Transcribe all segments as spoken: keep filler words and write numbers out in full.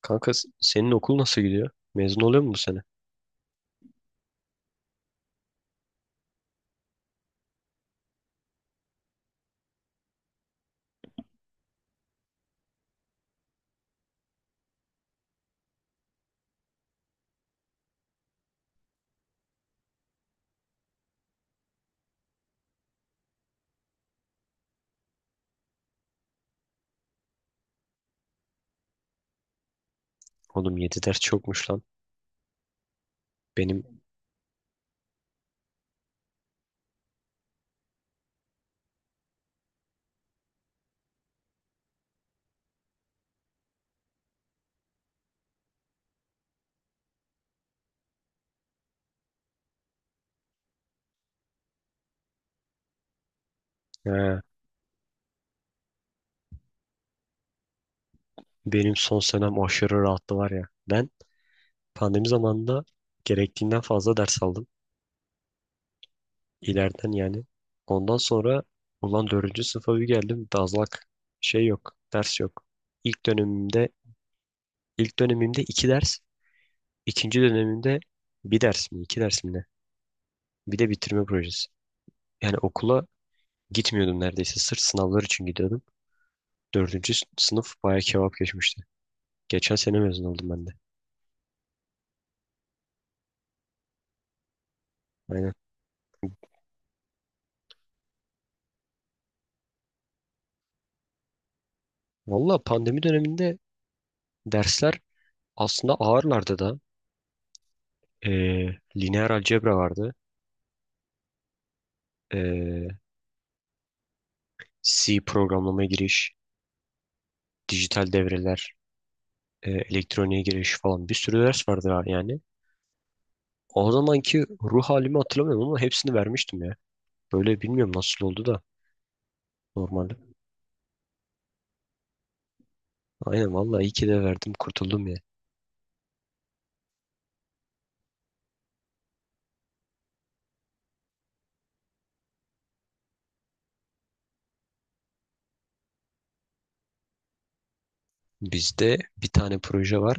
Kanka s- senin okul nasıl gidiyor? Mezun oluyor mu bu sene? Oğlum yedi ders çokmuş lan. Benim he, benim son senem aşırı rahattı var ya. Ben pandemi zamanında gerektiğinden fazla ders aldım. İleriden yani. Ondan sonra ulan dördüncü sınıfa bir geldim. Dazlak şey yok. Ders yok. İlk dönemimde ilk dönemimde iki ders. İkinci dönemimde bir ders mi? İki ders mi ne? Bir de bitirme projesi. Yani okula gitmiyordum neredeyse. Sırf sınavlar için gidiyordum. Dördüncü sınıf bayağı kebap geçmişti. Geçen sene mezun oldum ben de. Aynen. Valla pandemi döneminde dersler aslında ağırlardı da. Ee, lineer algebra vardı. Ee, C programlama giriş, dijital devreler, e, elektroniğe giriş falan bir sürü ders vardı ha- yani. O zamanki ruh halimi hatırlamıyorum ama hepsini vermiştim ya. Böyle bilmiyorum nasıl oldu da normalde. Aynen vallahi iyi ki de verdim kurtuldum ya. Bizde bir tane proje var.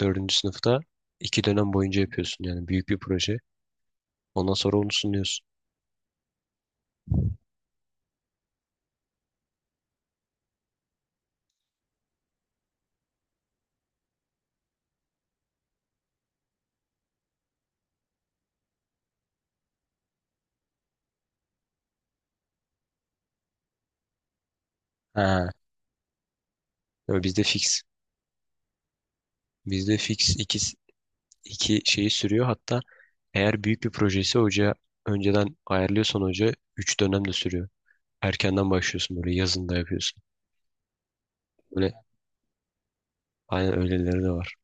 Dördüncü sınıfta iki dönem boyunca yapıyorsun yani büyük bir proje. Ondan sonra onu sunuyorsun. Ha, böyle bizde fix. Bizde fix iki, iki şeyi sürüyor. Hatta eğer büyük bir projesi hoca önceden ayarlıyorsan hoca üç dönem de sürüyor. Erkenden başlıyorsun böyle yazında yapıyorsun. Böyle aynen öyleleri de var.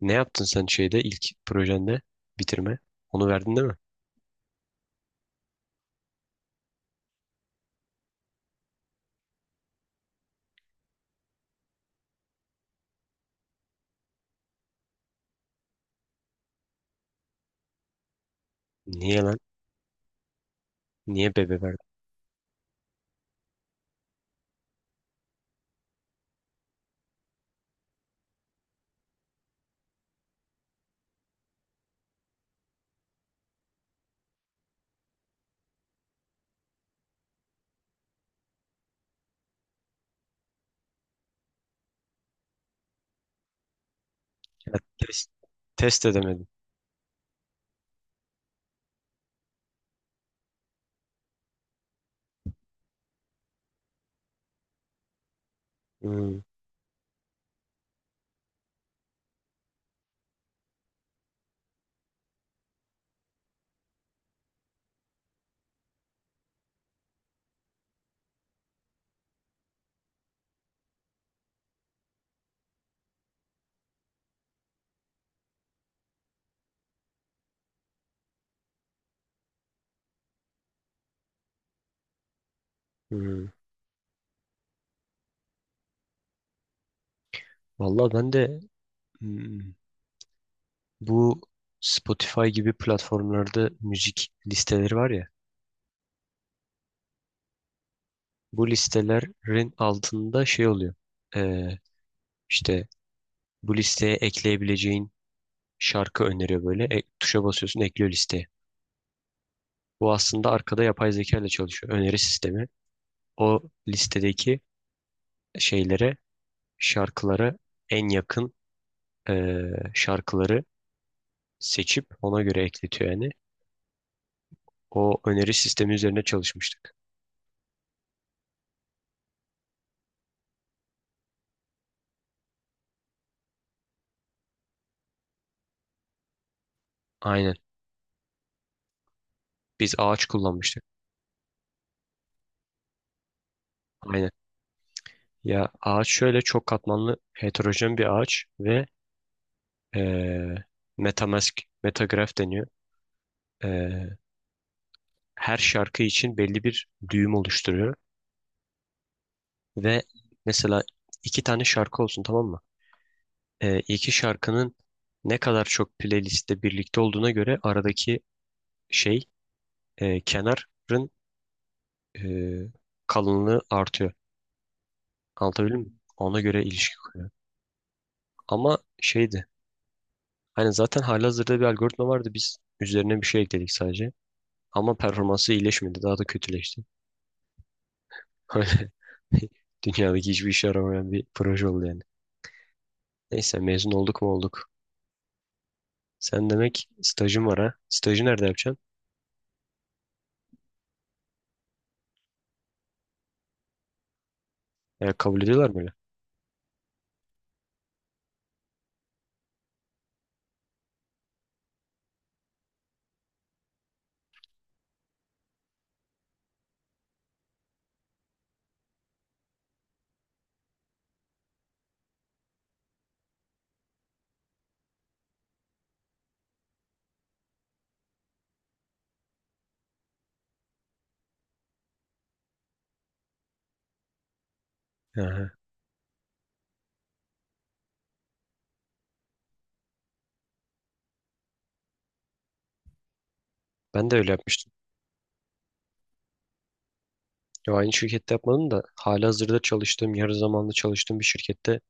Ne yaptın sen şeyde ilk projende bitirme? Onu verdin değil mi? Niye lan? Niye bebe verdin? Ya, test, test edemedin. Hmm, hmm. Vallahi ben de hmm, bu Spotify gibi platformlarda müzik listeleri var ya. Bu listelerin altında şey oluyor. Ee, işte bu listeye ekleyebileceğin şarkı öneriyor böyle. E, tuşa basıyorsun ekliyor listeye. Bu aslında arkada yapay zeka ile çalışıyor. Öneri sistemi. O listedeki şeylere, şarkılara en yakın ee, şarkıları seçip ona göre ekletiyor yani. O öneri sistemi üzerine çalışmıştık. Aynen. Biz ağaç kullanmıştık. Aynen. Ya ağaç şöyle çok katmanlı heterojen bir ağaç ve eee metamask, metagraf deniyor. Eee, her şarkı için belli bir düğüm oluşturuyor. Ve mesela iki tane şarkı olsun tamam mı? Eee iki şarkının ne kadar çok playlistte birlikte olduğuna göre aradaki şey eee, kenarın eee, kalınlığı artıyor. Anlatabildim mi? Ona göre ilişki kuruyor. Ama şeydi. Hani zaten halihazırda bir algoritma vardı. Biz üzerine bir şey ekledik sadece. Ama performansı iyileşmedi. Daha da kötüleşti. Öyle dünyadaki hiçbir işe yaramayan bir proje oldu yani. Neyse mezun olduk mu olduk. Sen demek stajın var ha. Stajı nerede yapacaksın? Ya kabul ediyorlar mı öyle? Aha. Ben de öyle yapmıştım. Ya aynı şirkette yapmadım da halihazırda çalıştığım, yarı zamanlı çalıştığım bir şirkette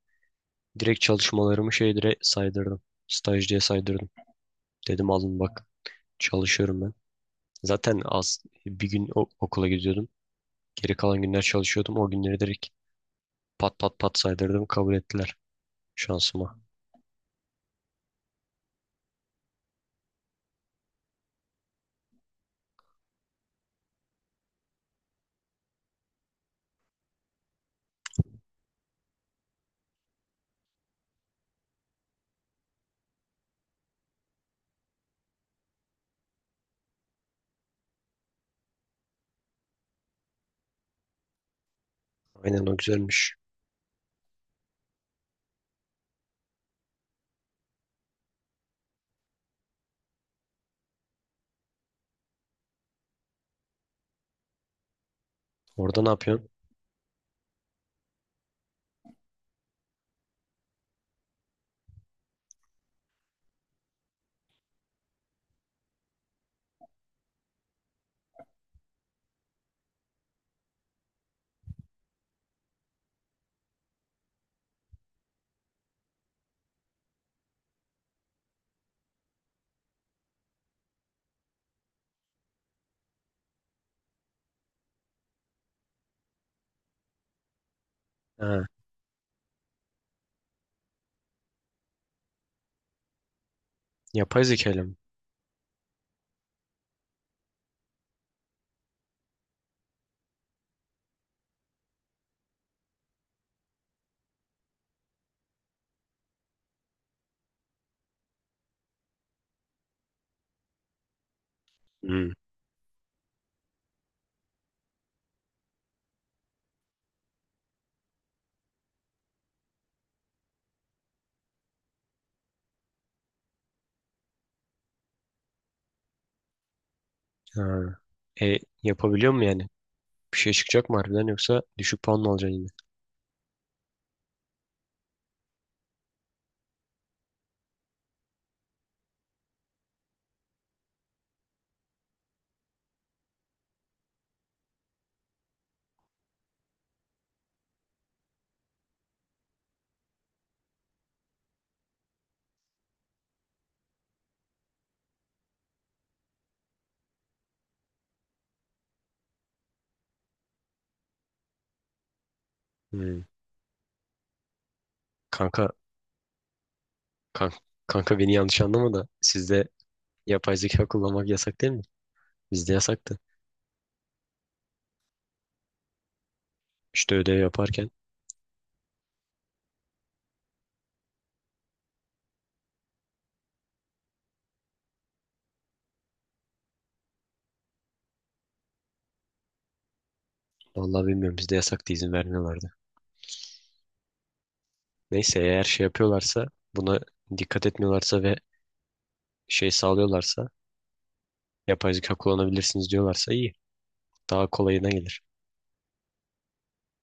direkt çalışmalarımı şey dire saydırdım. Staj diye saydırdım. Dedim alın bak çalışıyorum ben. Zaten az bir gün o- okula gidiyordum. Geri kalan günler çalışıyordum. O günleri direkt pat pat pat saydırdım. Kabul ettiler şansıma. Aynen o güzelmiş. Orada ne yapıyorsun? Ha, yapay zekayla mı? Hmm. Ha. E, yapabiliyor mu yani? Bir şey çıkacak mı harbiden yoksa düşük puan mı alacaksın yine? Hmm. Kanka, kanka, kanka beni yanlış anlama da sizde yapay zeka kullanmak yasak değil mi? Bizde yasaktı. İşte ödev yaparken vallahi bilmiyorum bizde yasaktı izin vermiyorlardı. Neyse eğer şey yapıyorlarsa buna dikkat etmiyorlarsa ve şey sağlıyorlarsa yapay zeka kullanabilirsiniz diyorlarsa iyi. Daha kolayına gelir.